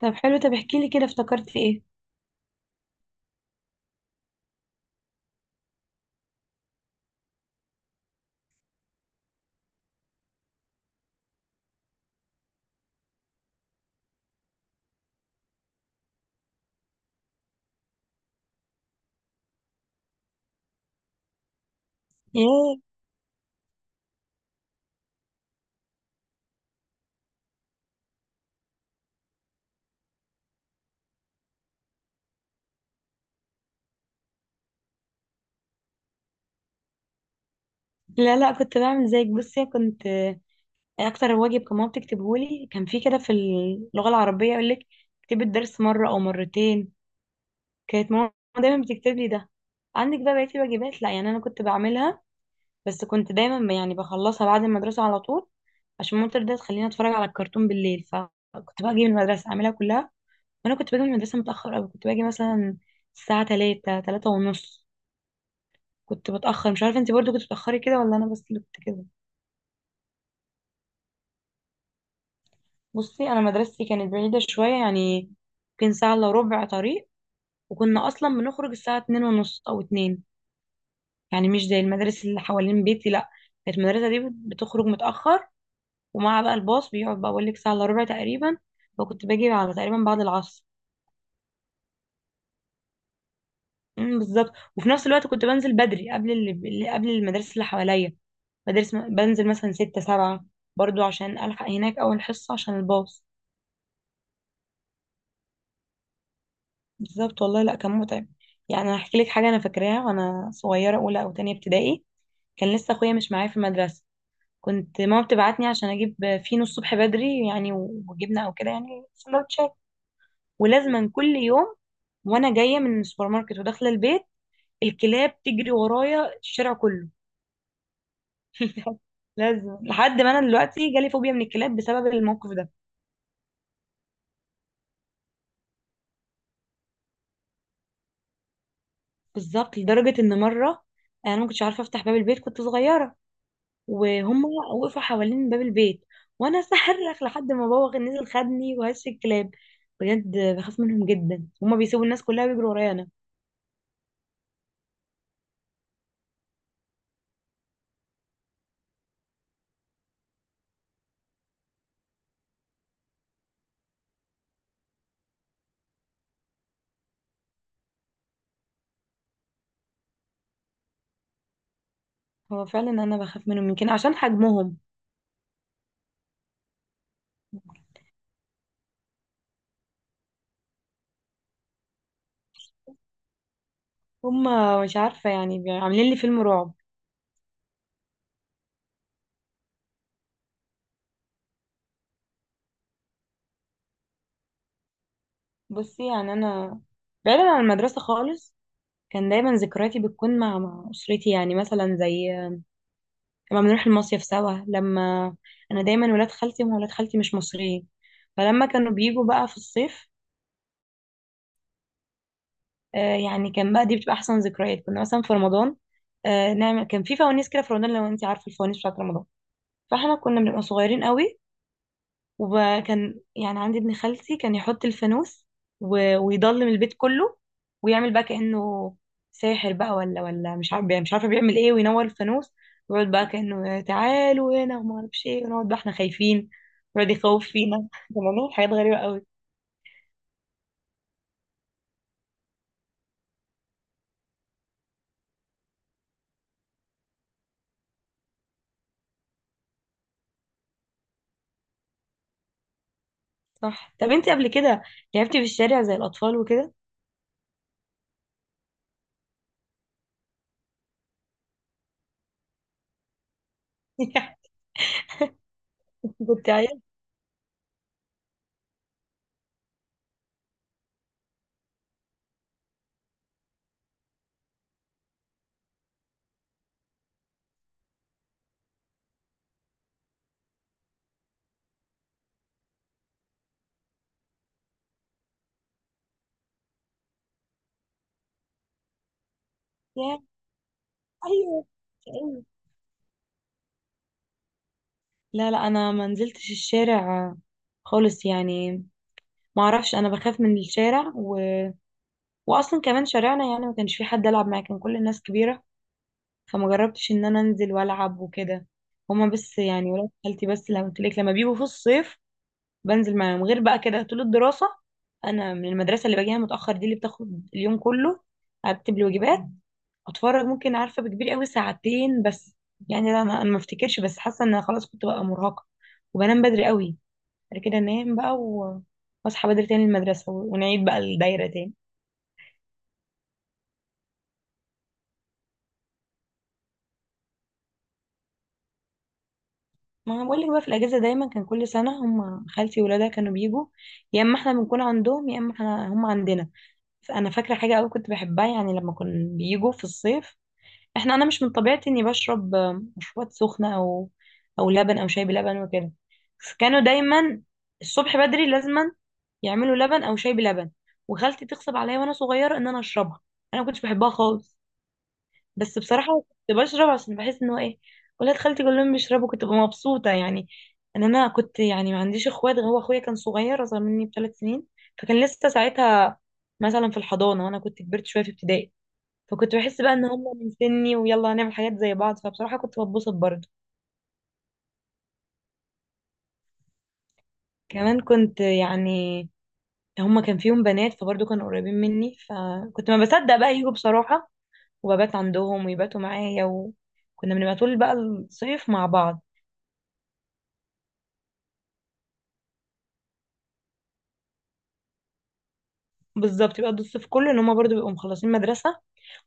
طب حلو، طب احكي لي كده افتكرت في ايه؟ لا لا، كنت بعمل زيك. بصي كنت اكتر واجب كان ماما بتكتبه لي كان في كده في اللغه العربيه يقول لك اكتبي الدرس مره او مرتين. كانت ماما دايما بتكتب لي ده. عندك بقى بقيه الواجبات، لا يعني انا كنت بعملها، بس كنت دايما يعني بخلصها بعد المدرسه على طول عشان ماما ترضى تخليني اتفرج على الكرتون بالليل. فكنت بقى اجي من المدرسه اعملها كلها. وانا كنت باجي من المدرسه متاخر قوي، كنت باجي مثلا الساعه 3 3 ونص. كنت بتأخر، مش عارفة انت برضو كنت بتأخري كده ولا انا بس اللي كنت كده؟ بصي انا مدرستي كانت بعيدة شوية يعني يمكن ساعة الا ربع طريق، وكنا اصلا بنخرج الساعة 2:30 او اتنين، يعني مش زي المدارس اللي حوالين بيتي. لا، كانت المدرسة دي بتخرج متأخر. ومع بقى الباص بيقعد بقى اقول لك ساعة الا ربع تقريبا، فكنت باجي على تقريبا بعد العصر. بالظبط. وفي نفس الوقت كنت بنزل بدري قبل قبل المدارس اللي حواليا. مدارس بنزل مثلا ستة سبعة، برضو عشان ألحق هناك أول حصة عشان الباص. بالظبط والله، لا كان متعب. يعني انا هحكي لك حاجه انا فاكراها وانا صغيره اولى او تانية ابتدائي. كان لسه اخويا مش معايا في المدرسه. كنت ماما بتبعتني عشان اجيب فينو الصبح بدري، يعني وجبنه او كده، يعني سندوتشات. ولازما كل يوم وانا جايه من السوبر ماركت وداخله البيت الكلاب تجري ورايا الشارع كله. لازم لحد ما انا دلوقتي جالي فوبيا من الكلاب بسبب الموقف ده. بالظبط لدرجه ان مره انا ما كنتش عارفه افتح باب البيت، كنت صغيره، وهم وقفوا حوالين باب البيت وانا صرخ لحد ما بابا كان نزل خدني وهش الكلاب. بجد بخاف منهم جدا، هما بيسيبوا الناس كلها بيجروا ورايا انا. هو فعلا انا بخاف منهم يمكن عشان حجمهم. هما مش عارفه يعني عاملين لي فيلم رعب. بصي يعني انا بعيدا عن المدرسه خالص، كان دايما ذكرياتي بتكون مع اسرتي، يعني مثلا زي لما بنروح المصيف سوا، لما انا دايما ولاد خالتي، هم ولاد خالتي مش مصريين، فلما كانوا بيجوا بقى في الصيف يعني كان بقى دي بتبقى احسن ذكريات. كنا مثلا في رمضان نعمل كان في فوانيس كده في رمضان، لو انت عارفه الفوانيس بتاعت رمضان. فاحنا كنا بنبقى صغيرين قوي، وكان يعني عندي ابن خالتي كان يحط الفانوس ويضلم البيت كله ويعمل بقى كأنه ساحر بقى، ولا مش عارفه بيعمل ايه، وينور الفانوس ويقعد بقى كأنه تعالوا هنا وما اعرفش ايه، ونقعد بقى احنا خايفين ويقعد يخوف فينا. كنا بنعمل حاجات غريبه قوي. صح. طب انت قبل كده لعبتي في الشارع زي الاطفال وكده؟ كنت. ياه، ايوه، أيوة. لا لا، انا ما نزلتش الشارع خالص يعني. ما اعرفش، انا بخاف من الشارع، و... واصلا كمان شارعنا يعني ما كانش في حد العب معاه، كان كل الناس كبيره، فما جربتش ان انا انزل والعب وكده. هما بس يعني ولاد خالتي بس لما قلت لك لما بيجوا في الصيف بنزل معاهم. غير بقى كده طول الدراسه انا من المدرسه اللي باجيها متاخر دي اللي بتاخد اليوم كله. ارتب الواجبات، اتفرج ممكن عارفه بكبير قوي ساعتين بس. يعني لا، ما أنا ما افتكرش، بس حاسه ان أنا خلاص كنت بقى مرهقه وبنام بدري قوي بعد كده انام بقى واصحى بدري تاني المدرسه ونعيد بقى الدايره تاني. ما أنا بقول لك، بقى في الاجازه دايما كان كل سنه هم خالتي وولادها كانوا بيجوا، يا اما احنا بنكون عندهم يا اما احنا هم عندنا. فانا فاكره حاجه قوي كنت بحبها يعني لما كنا بيجوا في الصيف. احنا انا مش من طبيعتي اني بشرب مشروبات سخنه او او لبن او شاي بلبن وكده، فكانوا دايما الصبح بدري لازما يعملوا لبن او شاي بلبن وخالتي تغصب عليا وانا صغيره ان انا اشربها. انا ما كنتش بحبها خالص، بس بصراحه كنت بشرب عشان بحس ان هو ايه، ولاد خالتي كلهم بيشربوا كنت ببقى مبسوطه. يعني ان انا كنت يعني ما عنديش اخوات، هو اخويا كان صغير اصغر مني بـ3 سنين، فكان لسه ساعتها مثلا في الحضانه، وانا كنت كبرت شويه في ابتدائي، فكنت بحس بقى ان هم من سني ويلا هنعمل حاجات زي بعض، فبصراحة كنت بتبسط برضه. كمان كنت يعني هم كان فيهم بنات فبرضه كانوا قريبين مني، فكنت ما بصدق بقى يجوا بصراحة وببات عندهم ويباتوا معايا، وكنا بنبقى طول بقى الصيف مع بعض. بالظبط بيقضوا الصيف كله ان هم برضه بيبقوا مخلصين مدرسة.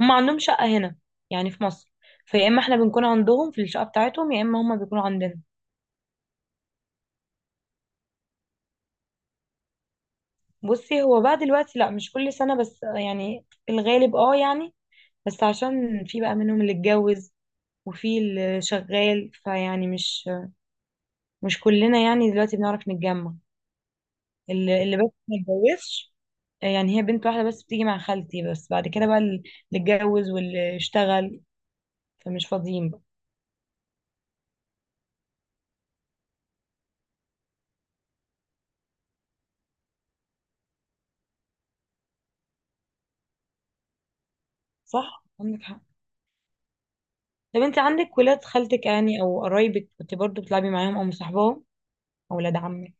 هم عندهم شقة هنا يعني في مصر، فيا اما احنا بنكون عندهم في الشقة بتاعتهم يا اما هم بيكونوا عندنا. بصي هو بقى دلوقتي لا مش كل سنة، بس يعني الغالب اه يعني. بس عشان في بقى منهم اللي اتجوز وفي اللي شغال، فيعني مش كلنا يعني دلوقتي بنعرف نتجمع. اللي بس ما اتجوزش يعني هي بنت واحدة بس بتيجي مع خالتي، بس بعد كده بقى اللي اتجوز واللي اشتغل فمش فاضيين بقى. صح عندك حق. طب انت عندك ولاد خالتك يعني او قرايبك كنت برضو بتلعبي معاهم او مصاحباهم او ولاد عمك؟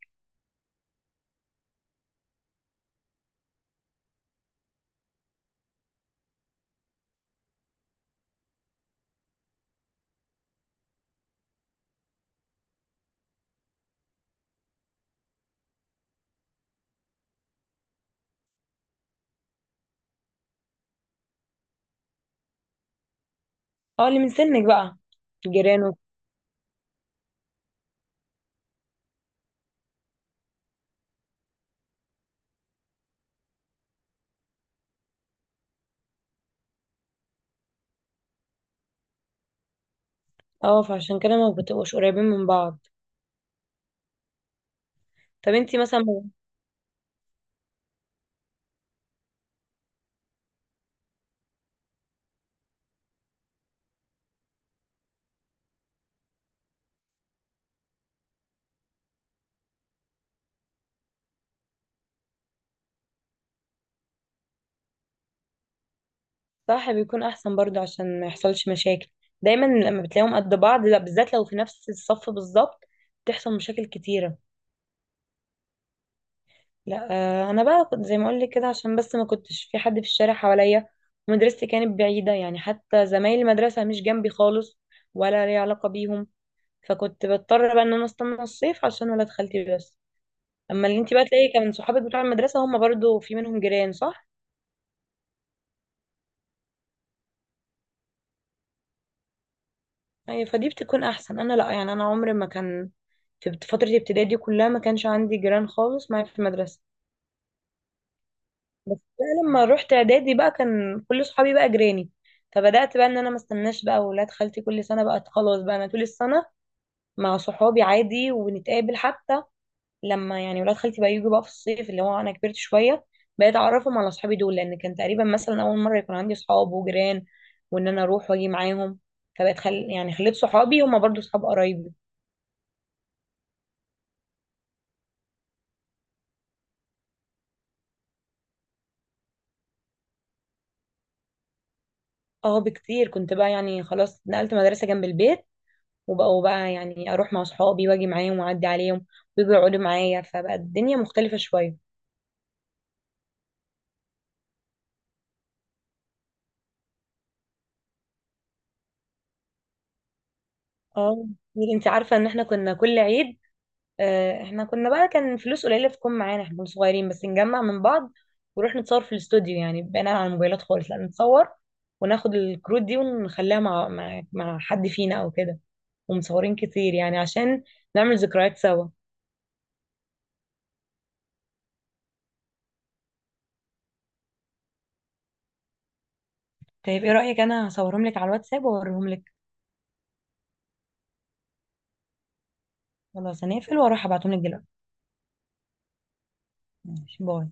اه اللي من سنك بقى. جيرانه. اه، فعشان كده ما بتبقوش قريبين من بعض. طب انت مثلا. صح بيكون احسن برضو عشان ما يحصلش مشاكل، دايما لما بتلاقيهم قد بعض، لا بالذات لو في نفس الصف بالظبط بتحصل مشاكل كتيرة. لا انا بقى كنت زي ما اقول لك كده، عشان بس ما كنتش في حد في الشارع حواليا، ومدرستي كانت بعيدة يعني حتى زمايل المدرسة مش جنبي خالص ولا لي علاقة بيهم، فكنت بضطر بقى ان انا استنى الصيف عشان ولاد خالتي بس. اما اللي انت بقى تلاقي كان صحابك بتوع المدرسة هم برضو في منهم جيران، صح؟ أيوة فدي بتكون أحسن. أنا لأ، يعني أنا عمري ما كان في فترة ابتدائي دي كلها ما كانش عندي جيران خالص معايا في المدرسة. بس بقى لما رحت إعدادي بقى كان كل صحابي بقى جيراني، فبدأت بقى إن أنا ما استناش بقى ولاد خالتي كل سنة. بقى خلاص بقى أنا طول السنة مع صحابي عادي ونتقابل حتى لما يعني ولاد خالتي بقى يجوا بقى في الصيف اللي هو أنا كبرت شوية. بقيت أعرفهم على صحابي دول لأن كان تقريبا مثلا أول مرة يكون عندي صحاب وجيران، وإن أنا أروح وأجي معاهم، فبقت يعني خليت صحابي هما برضو صحاب قرايبي. اه بكتير، كنت بقى يعني خلاص نقلت مدرسة جنب البيت، وبقوا بقى يعني اروح مع صحابي واجي معاهم واعدي عليهم ويجوا يقعدوا معايا، فبقى الدنيا مختلفة شوية. اه. انت عارفة ان احنا كنا كل عيد احنا كنا بقى كان فلوس قليلة تكون معانا، احنا كنا صغيرين بس نجمع من بعض ونروح نتصور في الاستوديو، يعني بقينا على الموبايلات خالص لا، نتصور وناخد الكروت دي ونخليها مع حد فينا او كده، ومصورين كتير يعني عشان نعمل ذكريات سوا. طيب ايه رأيك انا هصورهم لك على الواتساب واوريهم لك. خلاص هنقفل واروح ابعتهم لك دلوقتي. ماشي، باي.